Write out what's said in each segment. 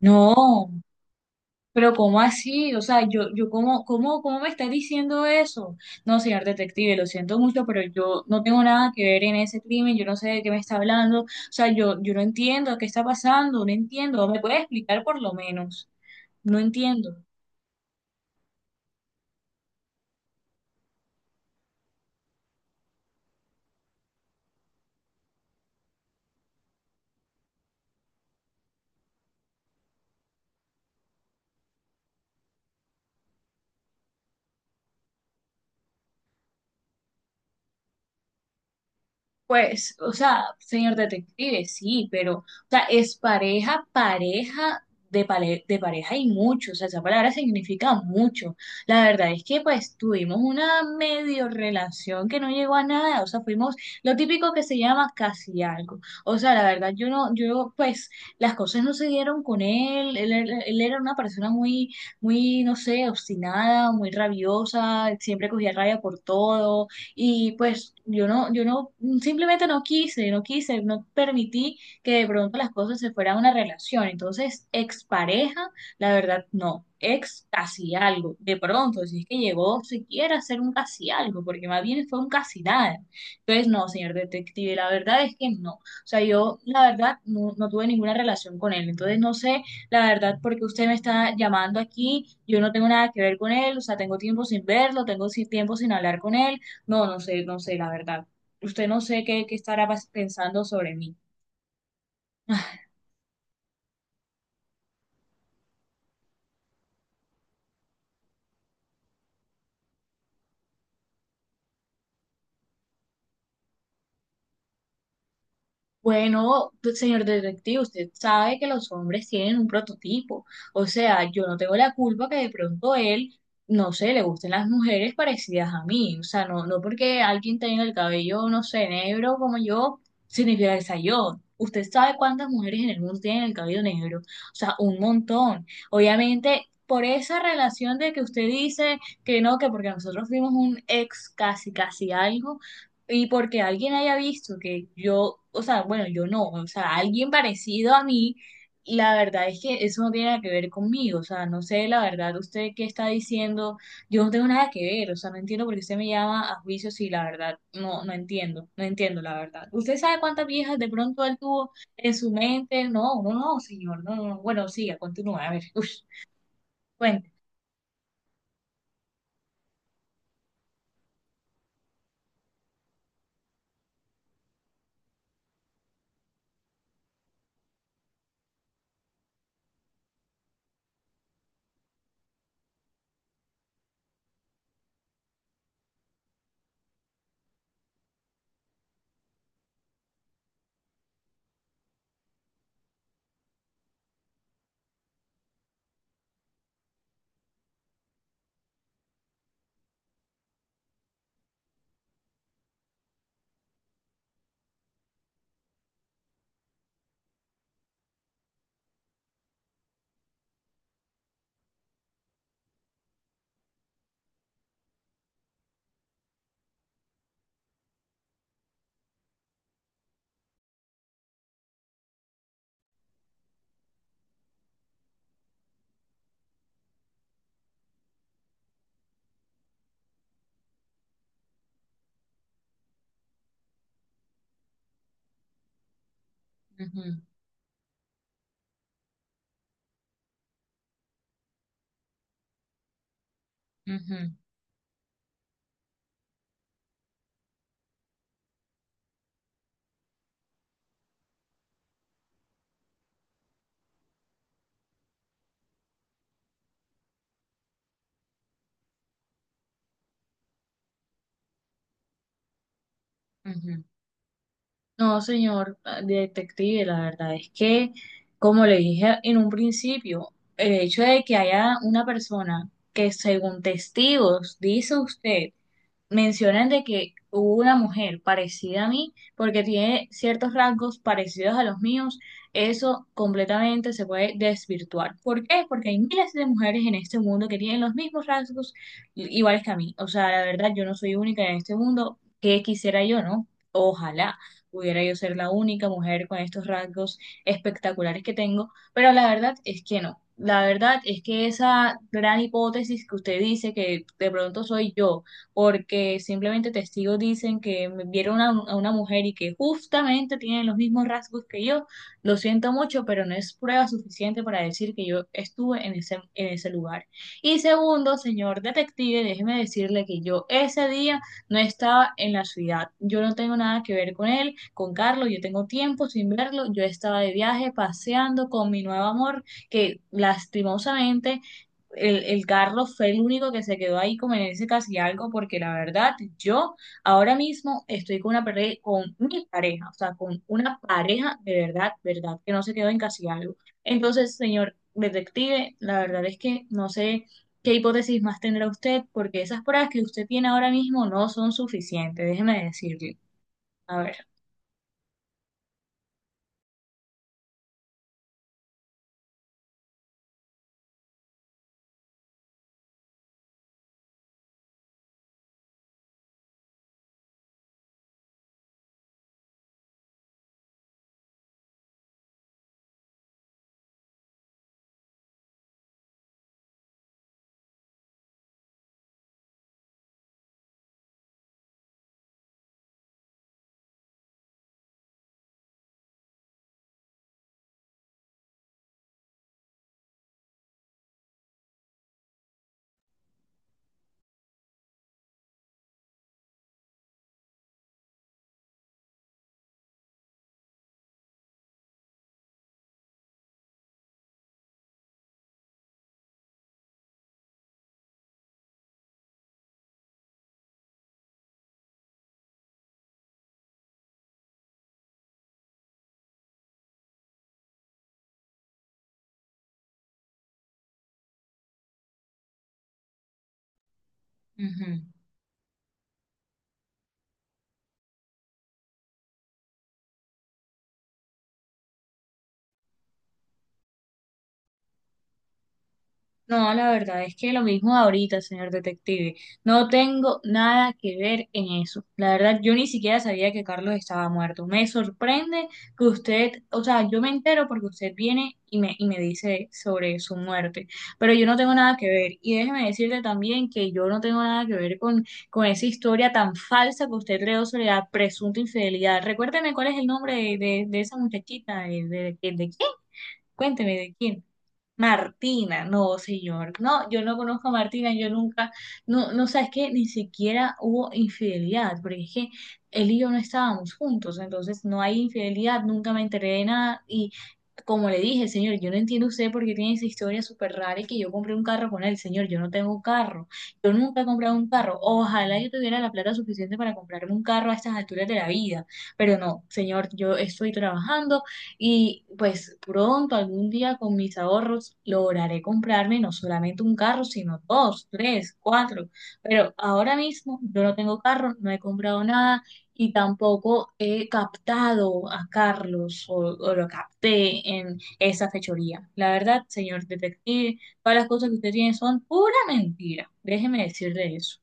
No, pero ¿cómo así? O sea, yo ¿cómo me estás diciendo eso? No, señor detective, lo siento mucho, pero yo no tengo nada que ver en ese crimen, yo no sé de qué me está hablando, o sea, yo no entiendo qué está pasando, no entiendo, ¿me puede explicar por lo menos? No entiendo. Pues, o sea, señor detective, sí, pero, o sea, es pareja, pareja de pareja y mucho, o sea, esa palabra significa mucho. La verdad es que, pues, tuvimos una medio relación que no llegó a nada, o sea, fuimos lo típico que se llama casi algo. O sea, la verdad, yo no, yo, pues, las cosas no se dieron con él, él era una persona muy, muy, no sé, obstinada, muy rabiosa, siempre cogía rabia por todo y pues yo no, yo no, simplemente no quise, no quise, no permití que de pronto las cosas se fueran a una relación. Entonces, expareja, la verdad, no. Ex casi algo. De pronto, si es que llegó siquiera a ser un casi algo, porque más bien fue un casi nada. Entonces, no, señor detective, la verdad es que no. O sea, yo, la verdad, no, no tuve ninguna relación con él. Entonces, no sé, la verdad, porque usted me está llamando aquí, yo no tengo nada que ver con él, o sea, tengo tiempo sin verlo, tengo tiempo sin hablar con él. No, no sé, no sé, la verdad. Usted no sé qué estará pensando sobre mí. Bueno, pues, señor detective, usted sabe que los hombres tienen un prototipo. O sea, yo no tengo la culpa que de pronto él, no sé, le gusten las mujeres parecidas a mí. O sea, no, no porque alguien tenga el cabello, no sé, negro como yo, significa que sea yo. Usted sabe cuántas mujeres en el mundo tienen el cabello negro. O sea, un montón. Obviamente, por esa relación de que usted dice que no, que porque nosotros fuimos un ex casi, casi algo. Y porque alguien haya visto que yo, o sea, bueno, yo no, o sea, alguien parecido a mí, la verdad es que eso no tiene nada que ver conmigo, o sea, no sé, la verdad, usted qué está diciendo, yo no tengo nada que ver, o sea, no entiendo por qué usted me llama a juicio si la verdad, no, no entiendo, no entiendo la verdad. ¿Usted sabe cuántas viejas de pronto él tuvo en su mente? No, no, no, señor, no, no, no. Bueno, siga, continúa, a ver, uff, cuente. Ujú, ujú, ujú. No, señor detective, la verdad es que, como le dije en un principio, el hecho de que haya una persona que según testigos, dice usted, mencionan de que hubo una mujer parecida a mí, porque tiene ciertos rasgos parecidos a los míos, eso completamente se puede desvirtuar. ¿Por qué? Porque hay miles de mujeres en este mundo que tienen los mismos rasgos iguales que a mí. O sea, la verdad, yo no soy única en este mundo. ¿Qué quisiera yo, no? Ojalá pudiera yo ser la única mujer con estos rasgos espectaculares que tengo, pero la verdad es que no. La verdad es que esa gran hipótesis que usted dice que de pronto soy yo, porque simplemente testigos dicen que me vieron a una mujer y que justamente tiene los mismos rasgos que yo. Lo siento mucho, pero no es prueba suficiente para decir que yo estuve en ese lugar. Y segundo, señor detective, déjeme decirle que yo ese día no estaba en la ciudad. Yo no tengo nada que ver con él, con Carlos, yo tengo tiempo sin verlo. Yo estaba de viaje paseando con mi nuevo amor, que lastimosamente el carro fue el único que se quedó ahí como en ese casi algo, porque la verdad, yo ahora mismo estoy con mi pareja, o sea, con una pareja de verdad, verdad, que no se quedó en casi algo. Entonces, señor detective, la verdad es que no sé qué hipótesis más tendrá usted, porque esas pruebas que usted tiene ahora mismo no son suficientes, déjeme decirle. A ver. Ujú. No, la verdad es que lo mismo ahorita, señor detective. No tengo nada que ver en eso. La verdad, yo ni siquiera sabía que Carlos estaba muerto. Me sorprende que usted, o sea, yo me entero porque usted viene y me dice sobre su muerte, pero yo no tengo nada que ver. Y déjeme decirle también que yo no tengo nada que ver con esa historia tan falsa que usted creó sobre la presunta infidelidad. Recuérdeme cuál es el nombre de esa muchachita, de quién. Cuénteme de quién. Martina, no, señor, no, yo no conozco a Martina, yo nunca, no, no, sabes que ni siquiera hubo infidelidad, porque es que él y yo no estábamos juntos, entonces no hay infidelidad, nunca me enteré de nada, como le dije, señor, yo no entiendo usted por qué tiene esa historia súper rara y que yo compré un carro con él. Señor, yo no tengo carro. Yo nunca he comprado un carro. Ojalá yo tuviera la plata suficiente para comprarme un carro a estas alturas de la vida. Pero no, señor, yo estoy trabajando y pues pronto, algún día con mis ahorros, lograré comprarme no solamente un carro, sino dos, tres, cuatro. Pero ahora mismo yo no tengo carro, no he comprado nada y tampoco he captado a Carlos o lo capté en esa fechoría. La verdad, señor detective, todas las cosas que usted tiene son pura mentira. Déjeme decirle eso.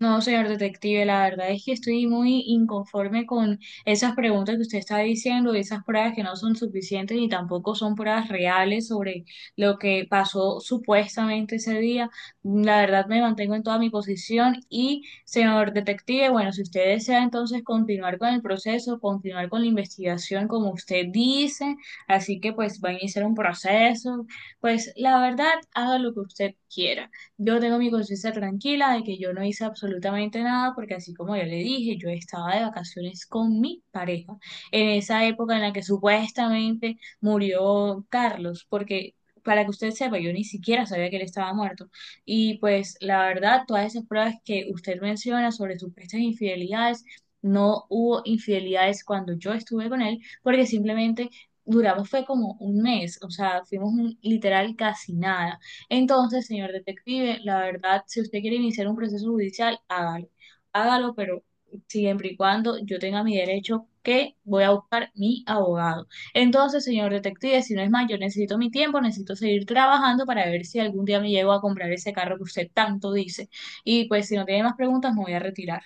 No, señor detective, la verdad es que estoy muy inconforme con esas preguntas que usted está diciendo, esas pruebas que no son suficientes ni tampoco son pruebas reales sobre lo que pasó supuestamente ese día. La verdad me mantengo en toda mi posición y, señor detective, bueno, si usted desea entonces continuar con el proceso, continuar con la investigación como usted dice, así que pues va a iniciar un proceso, pues la verdad haga lo que usted quiera. Yo tengo mi conciencia tranquila de que yo no hice absolutamente nada porque así como yo le dije, yo estaba de vacaciones con mi pareja en esa época en la que supuestamente murió Carlos, porque para que usted sepa, yo ni siquiera sabía que él estaba muerto. Y pues la verdad, todas esas pruebas que usted menciona sobre supuestas infidelidades, no hubo infidelidades cuando yo estuve con él porque simplemente... Duramos fue como un mes, o sea, fuimos un, literal casi nada. Entonces, señor detective, la verdad, si usted quiere iniciar un proceso judicial, hágalo. Hágalo, pero siempre y cuando yo tenga mi derecho que voy a buscar mi abogado. Entonces, señor detective, si no es más, yo necesito mi tiempo, necesito seguir trabajando para ver si algún día me llego a comprar ese carro que usted tanto dice. Y pues, si no tiene más preguntas, me voy a retirar.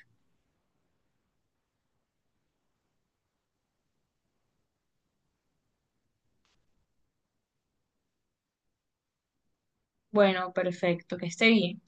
Bueno, perfecto, que esté bien.